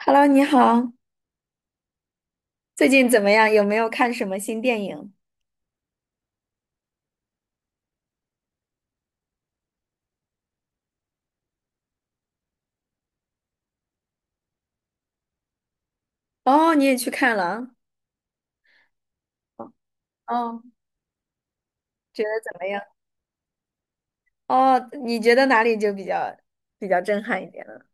Hello，你好，最近怎么样？有没有看什么新电影？哦，你也去看了啊？哦，觉得怎么样？哦，你觉得哪里就比较震撼一点了？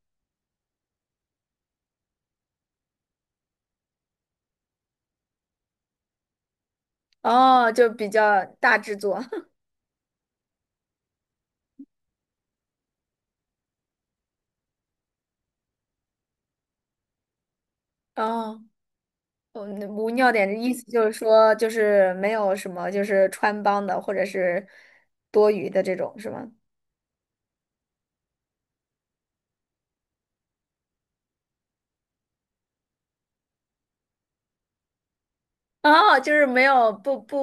哦，就比较大制作。哦，我无尿点的意思就是说，就是没有什么就是穿帮的或者是多余的这种，是吗？哦，就是没有不不，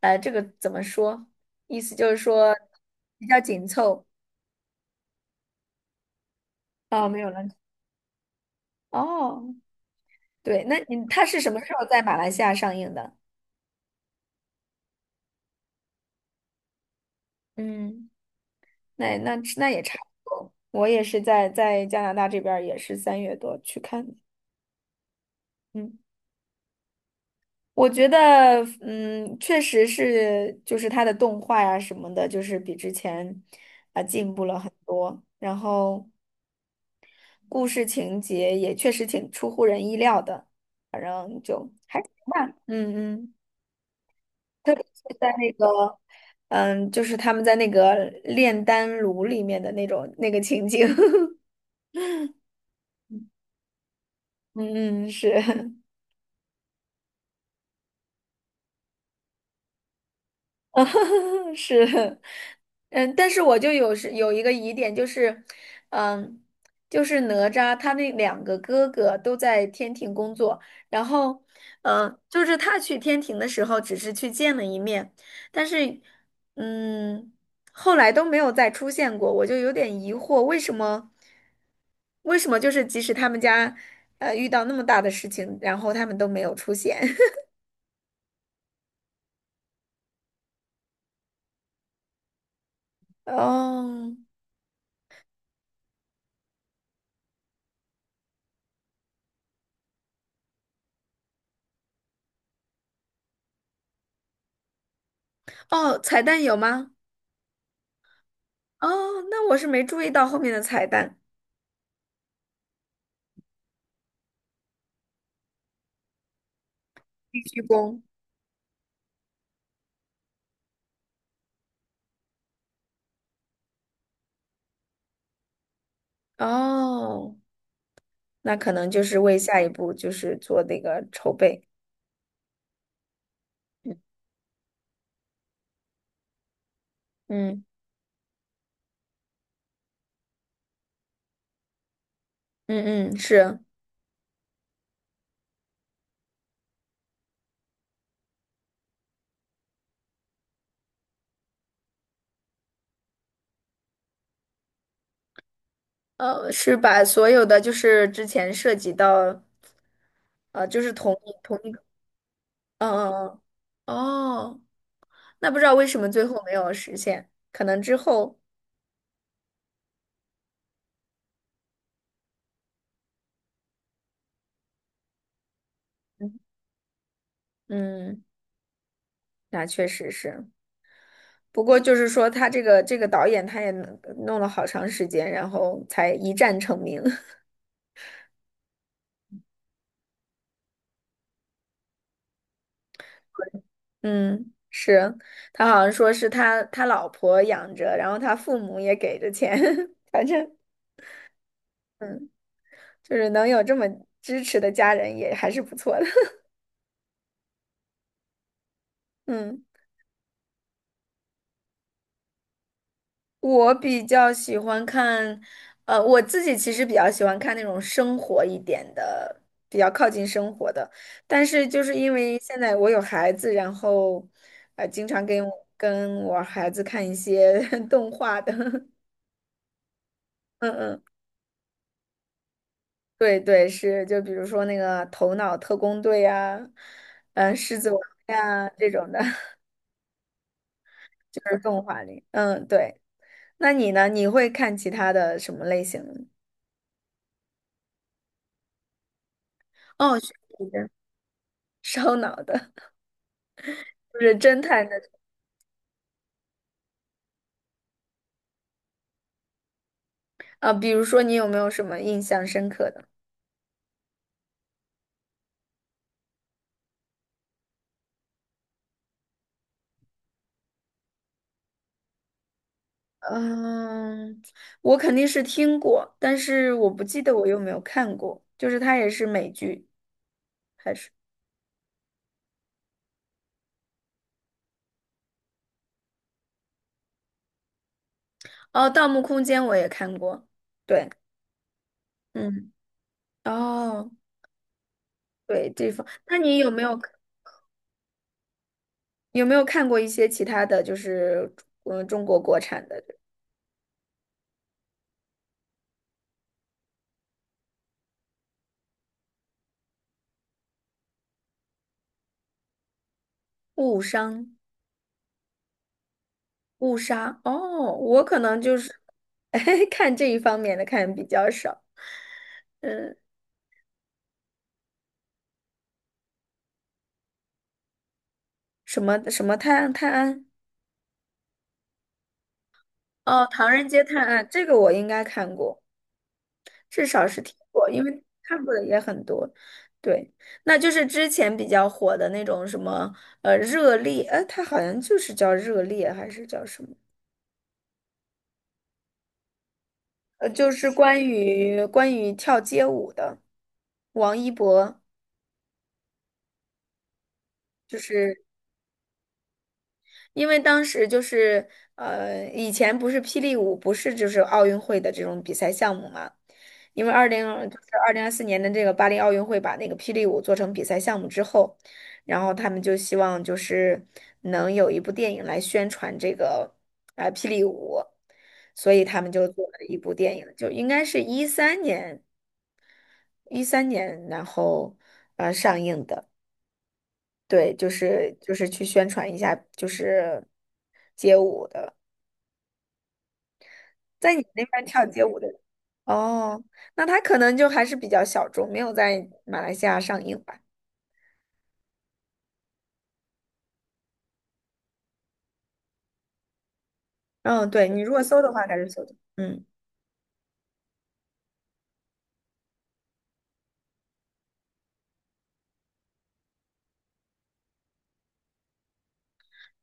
这个怎么说？意思就是说比较紧凑。哦，没有了。哦，对，那你他是什么时候在马来西亚上映的？嗯，那也差不多。我也是在加拿大这边，也是三月多去看的。嗯，我觉得，确实是，就是他的动画呀、什么的，就是比之前进步了很多。然后故事情节也确实挺出乎人意料的，反正就还行吧。嗯嗯。特别是在那个，就是他们在那个炼丹炉里面的那种那个情景，嗯嗯是。啊，是，但是我就有是有一个疑点，就是，嗯，就是哪吒他那两个哥哥都在天庭工作，然后，就是他去天庭的时候只是去见了一面，但是，嗯，后来都没有再出现过，我就有点疑惑，为什么就是即使他们家，遇到那么大的事情，然后他们都没有出现？哦，哦，彩蛋有吗？哦，那我是没注意到后面的彩蛋，必须攻哦，那可能就是为下一步就是做那个筹备。嗯嗯嗯嗯，是，是把所有的就是之前涉及到，就是同一个，嗯嗯嗯，哦，那不知道为什么最后没有实现，可能之后，嗯，嗯那确实是。不过就是说，他这个导演他也弄了好长时间，然后才一战成名。嗯，是，他好像说是他老婆养着，然后他父母也给着钱，反正嗯，就是能有这么支持的家人也还是不错的。嗯，我比较喜欢看，我自己其实比较喜欢看那种生活一点的，比较靠近生活的。但是就是因为现在我有孩子，然后经常跟我孩子看一些 动画的，嗯嗯。对对，是，就比如说那个《头脑特工队》呀，《狮子王》呀这种的，就是动画里。嗯，对。那你呢？你会看其他的什么类型的？哦，悬疑的、烧脑的，就是侦探的啊。比如说，你有没有什么印象深刻的？嗯，我肯定是听过，但是我不记得我有没有看过。就是它也是美剧。哦，《盗墓空间》我也看过。对，嗯，哦。对，那你有没有看过一些其他的就是中国国产的误伤误杀？哦，我可能就是 看这一方面的看比较少，什么什么探案哦，《唐人街探案》这个我应该看过，至少是听过，因为看过的也很多。对，那就是之前比较火的那种什么热烈，它好像就是叫热烈还是叫什么？就是关于跳街舞的王一博，就是因为当时就是以前不是霹雳舞不是就是奥运会的这种比赛项目嘛，因为就是2024年的这个巴黎奥运会把那个霹雳舞做成比赛项目之后，然后他们就希望就是能有一部电影来宣传这个霹雳舞，所以他们就做了一部电影，就应该是一三年。一三年，然后上映的，对，就是去宣传一下，就是街舞的，在你那边跳街舞的哦，那他可能就还是比较小众，没有在马来西亚上映吧？嗯，对，你如果搜的话，还是搜的，嗯，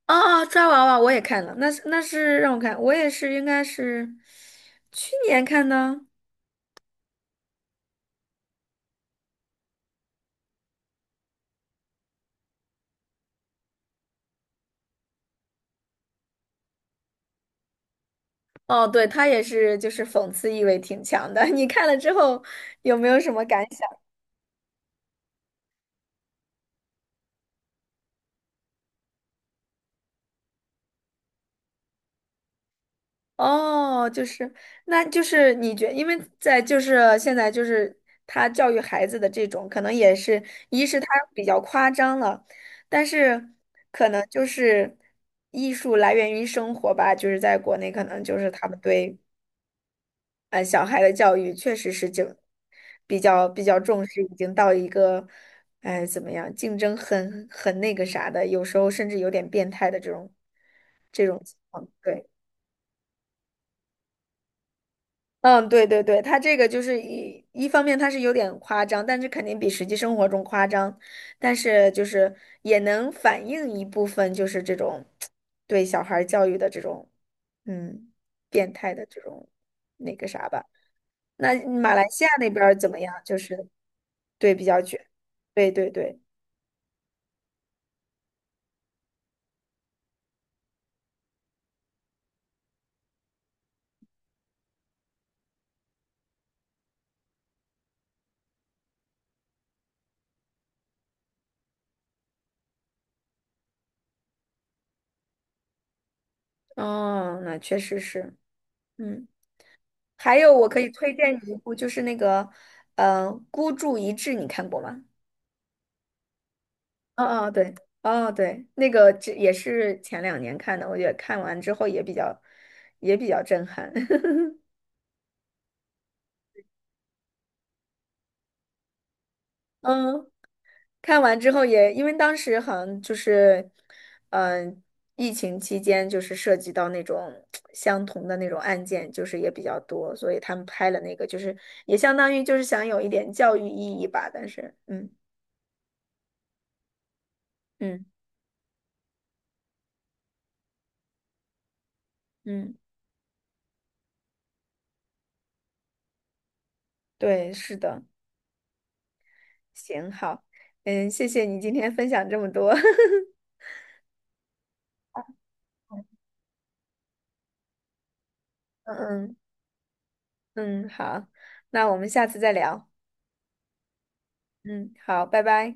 哦哦，抓娃娃我也看了，那是让我看，我也是应该是去年看的。哦，对，他也是，就是讽刺意味挺强的。你看了之后有没有什么感想？哦，就是，那就是因为在就是现在就是他教育孩子的这种，可能也是，一是他比较夸张了，但是可能就是艺术来源于生活吧，就是在国内可能就是他们对小孩的教育确实是就比较重视，已经到一个哎怎么样，竞争很那个啥的，有时候甚至有点变态的这种情况，对。嗯，对对对，他这个就是一方面他是有点夸张，但是肯定比实际生活中夸张，但是就是也能反映一部分就是这种对小孩儿教育的这种嗯变态的这种那个啥吧。那马来西亚那边儿怎么样？就是对比较卷，对对对，哦，那确实是，嗯，还有我可以推荐你一部，就是那个孤注一掷》，你看过吗？哦哦对，哦对，那个这也是前两年看的，我觉得看完之后也比较震撼。嗯，看完之后也，因为当时好像就是，嗯、疫情期间就是涉及到那种相同的那种案件，就是也比较多，所以他们拍了那个，就是也相当于就是想有一点教育意义吧。但是，嗯嗯嗯，对，是的，行，好，谢谢你今天分享这么多，嗯嗯。嗯，好，那我们下次再聊。嗯，好，拜拜。